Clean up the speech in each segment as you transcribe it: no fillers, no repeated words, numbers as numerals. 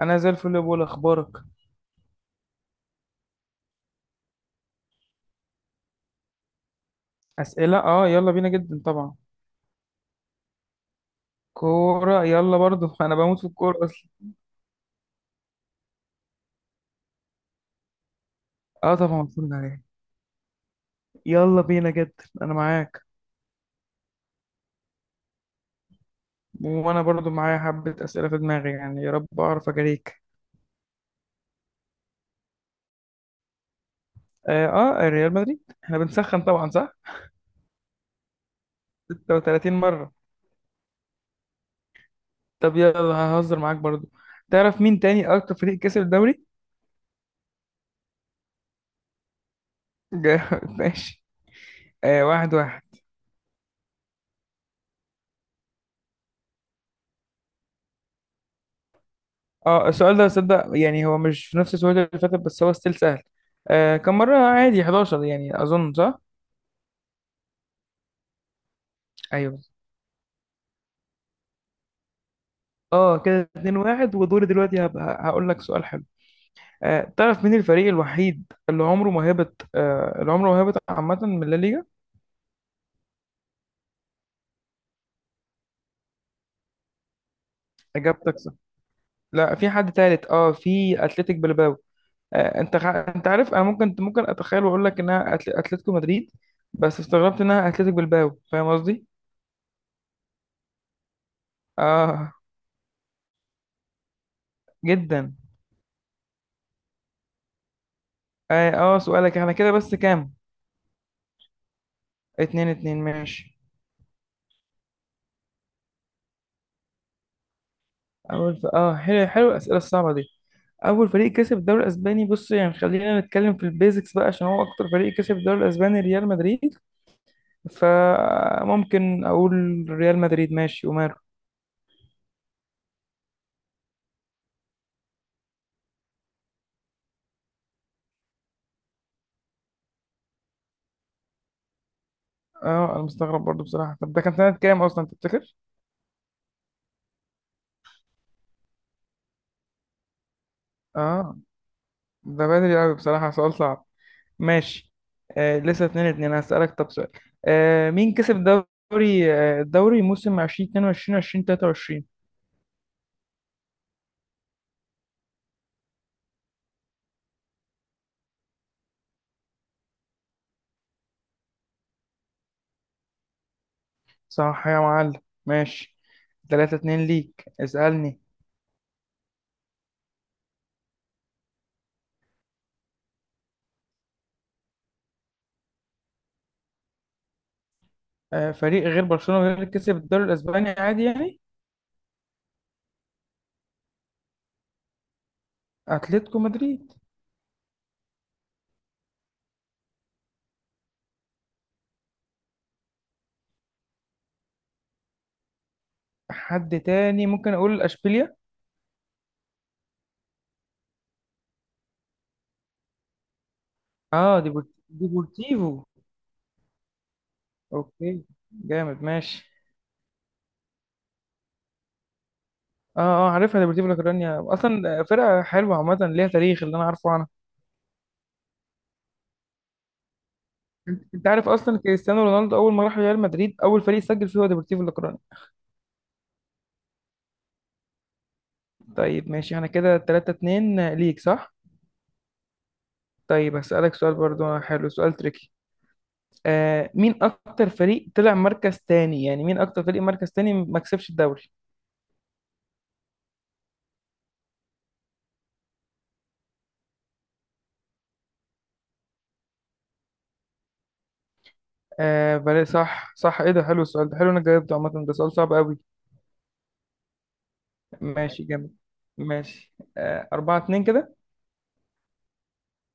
انا زي الفل يا بول، اخبارك؟ اسئله، يلا بينا جدا طبعا. كوره يلا برضو. انا بموت في الكوره اصلا. اه طبعا اتفرج عليها. يلا بينا جدا انا معاك. وانا برضو معايا حبه اسئله في دماغي، يعني يا رب اعرف اجاريك. اه, آه ريال مدريد، احنا بنسخن طبعا، صح؟ 36 مره. طب يلا ههزر معاك برضو. تعرف مين تاني اكتر فريق كسب الدوري؟ ماشي. آه واحد واحد. اه السؤال ده صدق، يعني هو مش في نفس السؤال اللي فاتت، بس هو ستيل سهل. آه كم مرة عادي؟ 11 يعني، أظن صح؟ أيوه. اه كده 2-1، ودوري دلوقتي هبقى هقول لك سؤال حلو. آه تعرف مين الفريق الوحيد اللي عمره ما هبط، آه اللي عمره ما هبط عامة من لا ليجا؟ إجابتك صح. لا في حد تالت، اه في أتلتيك بلباو. آه انت عارف انا ممكن اتخيل واقول لك انها اتلتيكو مدريد، بس استغربت انها أتلتيك بلباو، فاهم قصدي؟ اه جدا. اه آه، سؤالك. احنا كده بس كام؟ اتنين اتنين ماشي. اه حلو حلو الاسئله الصعبه دي. اول فريق كسب الدوري الاسباني، بص يعني خلينا نتكلم في البيزكس بقى، عشان هو اكتر فريق كسب الدوري الاسباني ريال مدريد، فممكن اقول ريال مدريد، ماشي وماله. اه انا مستغرب برضو بصراحه. طب ده كان سنه كام اصلا تفتكر؟ اه ده بدري قوي بصراحه، سؤال صعب. ماشي. آه لسه اتنين اتنين، هسألك طب سؤال. آه مين كسب الدوري آه الدوري موسم 2022 2023؟ صح يا معلم. ماشي 3-2 ليك، اسألني. آه، فريق غير برشلونة غير اللي كسب الدوري الاسباني عادي يعني. اتلتيكو مدريد. حد تاني ممكن اقول اشبيليا. ديبورتيفو. اوكي جامد ماشي. اه اه عارفها، ديبورتيفو لا كورونيا اصلا فرقة حلوة، عامة ليها تاريخ اللي انا عارفه عنها. انت عارف اصلا كريستيانو رونالدو اول ما راح ريال مدريد، اول فريق سجل فيه هو ديبورتيفو لا كورونيا. طيب ماشي انا كده 3-2 ليك صح. طيب هسألك سؤال برضو حلو، سؤال تريكي. آه مين اكتر فريق طلع مركز تاني يعني، مين اكتر فريق مركز تاني ما كسبش الدوري؟ آه بلا، صح صح، ايه ده، حلو السؤال ده، حلو انا جاوبته عامه، ده سؤال صعب قوي. ماشي جامد. ماشي آه أربعة اتنين كده.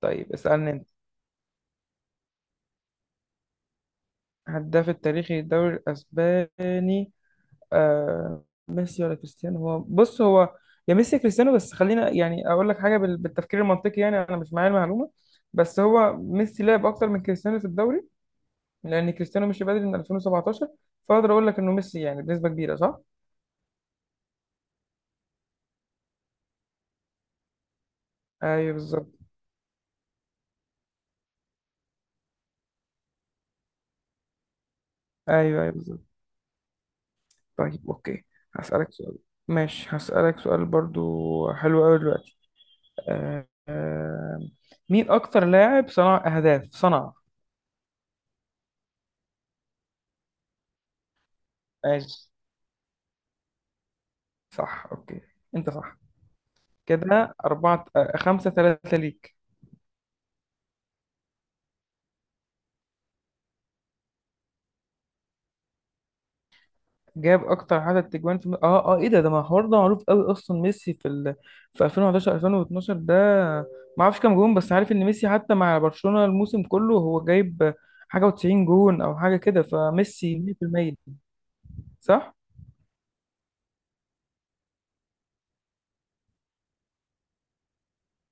طيب اسألني انت. هداف التاريخي للدوري الاسباني؟ آه ميسي ولا كريستيانو؟ هو بص هو يا ميسي يا كريستيانو، بس خلينا يعني اقول لك حاجه بالتفكير المنطقي. يعني انا مش معايا المعلومه، بس هو ميسي لعب اكتر من كريستيانو في الدوري، لان كريستيانو مشي بدري من 2017، فاقدر اقول لك انه ميسي يعني بنسبه كبيره، صح؟ ايوه بالظبط. ايوه ايوه بالظبط. طيب اوكي. هسالك سؤال. ماشي هسالك سؤال برضو حلو قوي دلوقتي. آه مين اكتر لاعب صنع اهداف صنع؟ ماشي صح اوكي، انت صح. كده أربعة آه، خمسة ثلاثة ليك. جاب اكتر عدد تجوان في ايه ده، ده ما الحوار ده معروف قوي اصلا، ميسي في 2011 2012 ده. ما اعرفش كام جون، بس عارف ان ميسي حتى مع برشلونة الموسم كله هو جايب حاجه و90 جون او حاجه كده، فميسي 100% صح.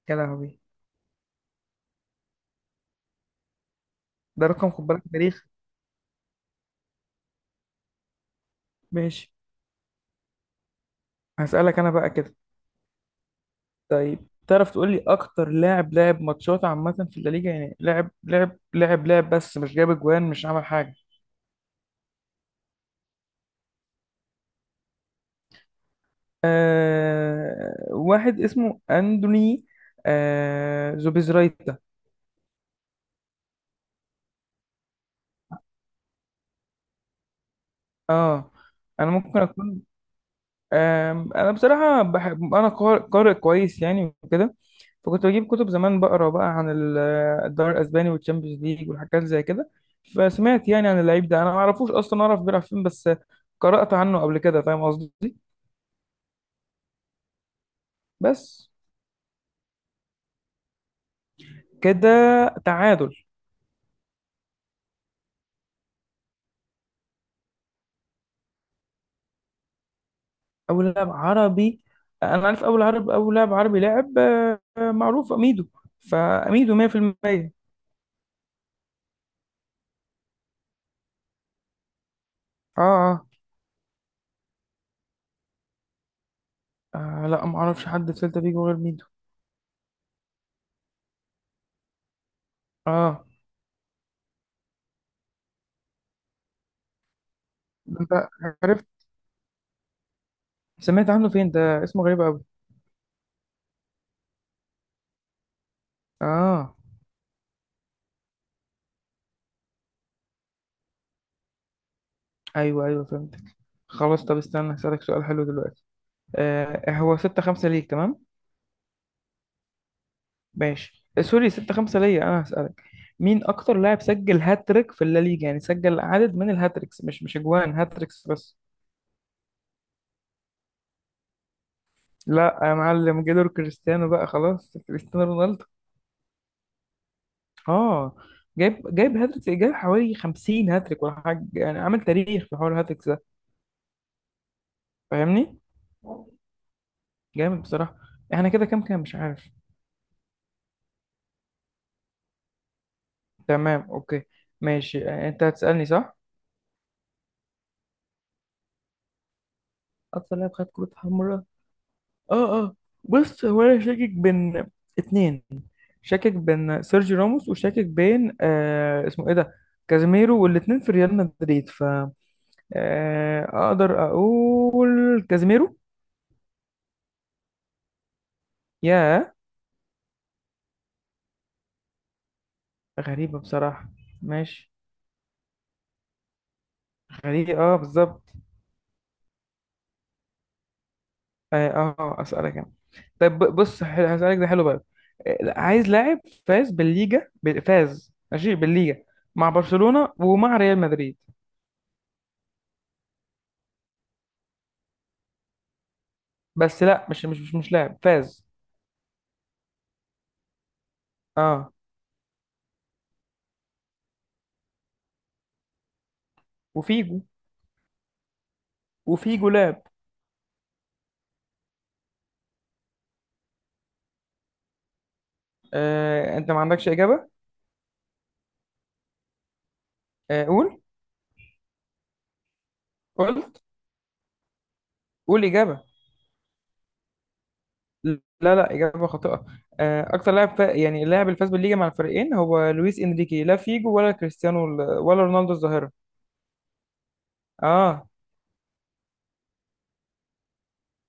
يا لهوي، ده رقم، خد بالك تاريخ. ماشي. هسألك انا بقى كده. طيب تعرف تقول لي اكتر لاعب لعب ماتشات عامه في الليجا، يعني لعب لعب لعب لعب بس مش جاب اجوان مش عمل حاجه؟ آه واحد اسمه أندوني، آه زوبيزرايتا. اه انا ممكن اكون، آه انا بصراحة بحب، انا قارئ كويس يعني وكده، فكنت بجيب كتب زمان بقرا بقى عن الدوري الاسباني والتشامبيونز ليج والحاجات زي كده، فسمعت يعني عن اللعيب ده، انا ما اعرفوش اصلا اعرف بيلعب فين، بس قرأت عنه قبل كده، فاهم قصدي. بس كده، تعادل. اول لاعب عربي، انا عارف اول لاعب عربي لعب معروف اميدو، فاميدو 100% اه. اه آه، لا ما اعرفش حد في سيلتا فيجو غير ميدو. اه ده انت عرفت، سمعت عنه فين؟ ده اسمه غريب قوي. اه ايوه ايوه فهمتك. خلاص طب استنى هسألك سؤال حلو دلوقتي. آه هو 6-5 ليك، تمام؟ ماشي آه، سوري 6-5 ليا انا. هسألك مين اكتر لاعب سجل هاتريك في الليجا، يعني سجل عدد من الهاتريكس، مش اجوان، هاتريكس بس. لا يا معلم، جيلور، كريستيانو بقى خلاص، كريستيانو رونالدو. اه جايب هاتريكس، جايب حوالي 50 هاتريك ولا حاجه يعني، عامل تاريخ في حوار الهاتريكس ده. فاهمني. جامد بصراحه. احنا كده كام كام مش عارف. تمام اوكي. ماشي آه، انت هتسالني صح. اكتر لاعب خد كروت حمراء؟ اه اه. بص هو انا شاكك بين اتنين، شاكك بين سيرجي راموس، وشاكك بين آه اسمه ايه ده، كازيميرو، والاتنين في ريال مدريد، ف آه اقدر اقول كازيميرو. يا، غريبه بصراحه. ماشي. غريب اه بالظبط. اه آه، اسالك انا. طيب بص حلو، هسالك ده حلو بقى. آه، عايز لاعب فاز بالليجا فاز ماشي بالليجا مع برشلونة ومع ريال مدريد، بس لا مش لاعب فاز. اه وفيجو. وفيجو لاعب. آه انت ما عندكش اجابة؟ آه قول. قلت؟ قول اجابة. لا لا، اجابة خاطئة. آه اكتر يعني اللاعب اللي فاز بالليجا مع الفريقين هو لويس انريكي، لا فيجو ولا كريستيانو ولا رونالدو الظاهرة. اه.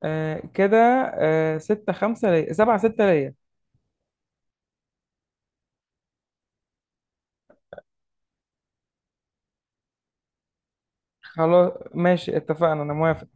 آه كده. آه ستة خمسة ليا، سبعة ستة ليا. خلاص ماشي اتفقنا، أنا موافق.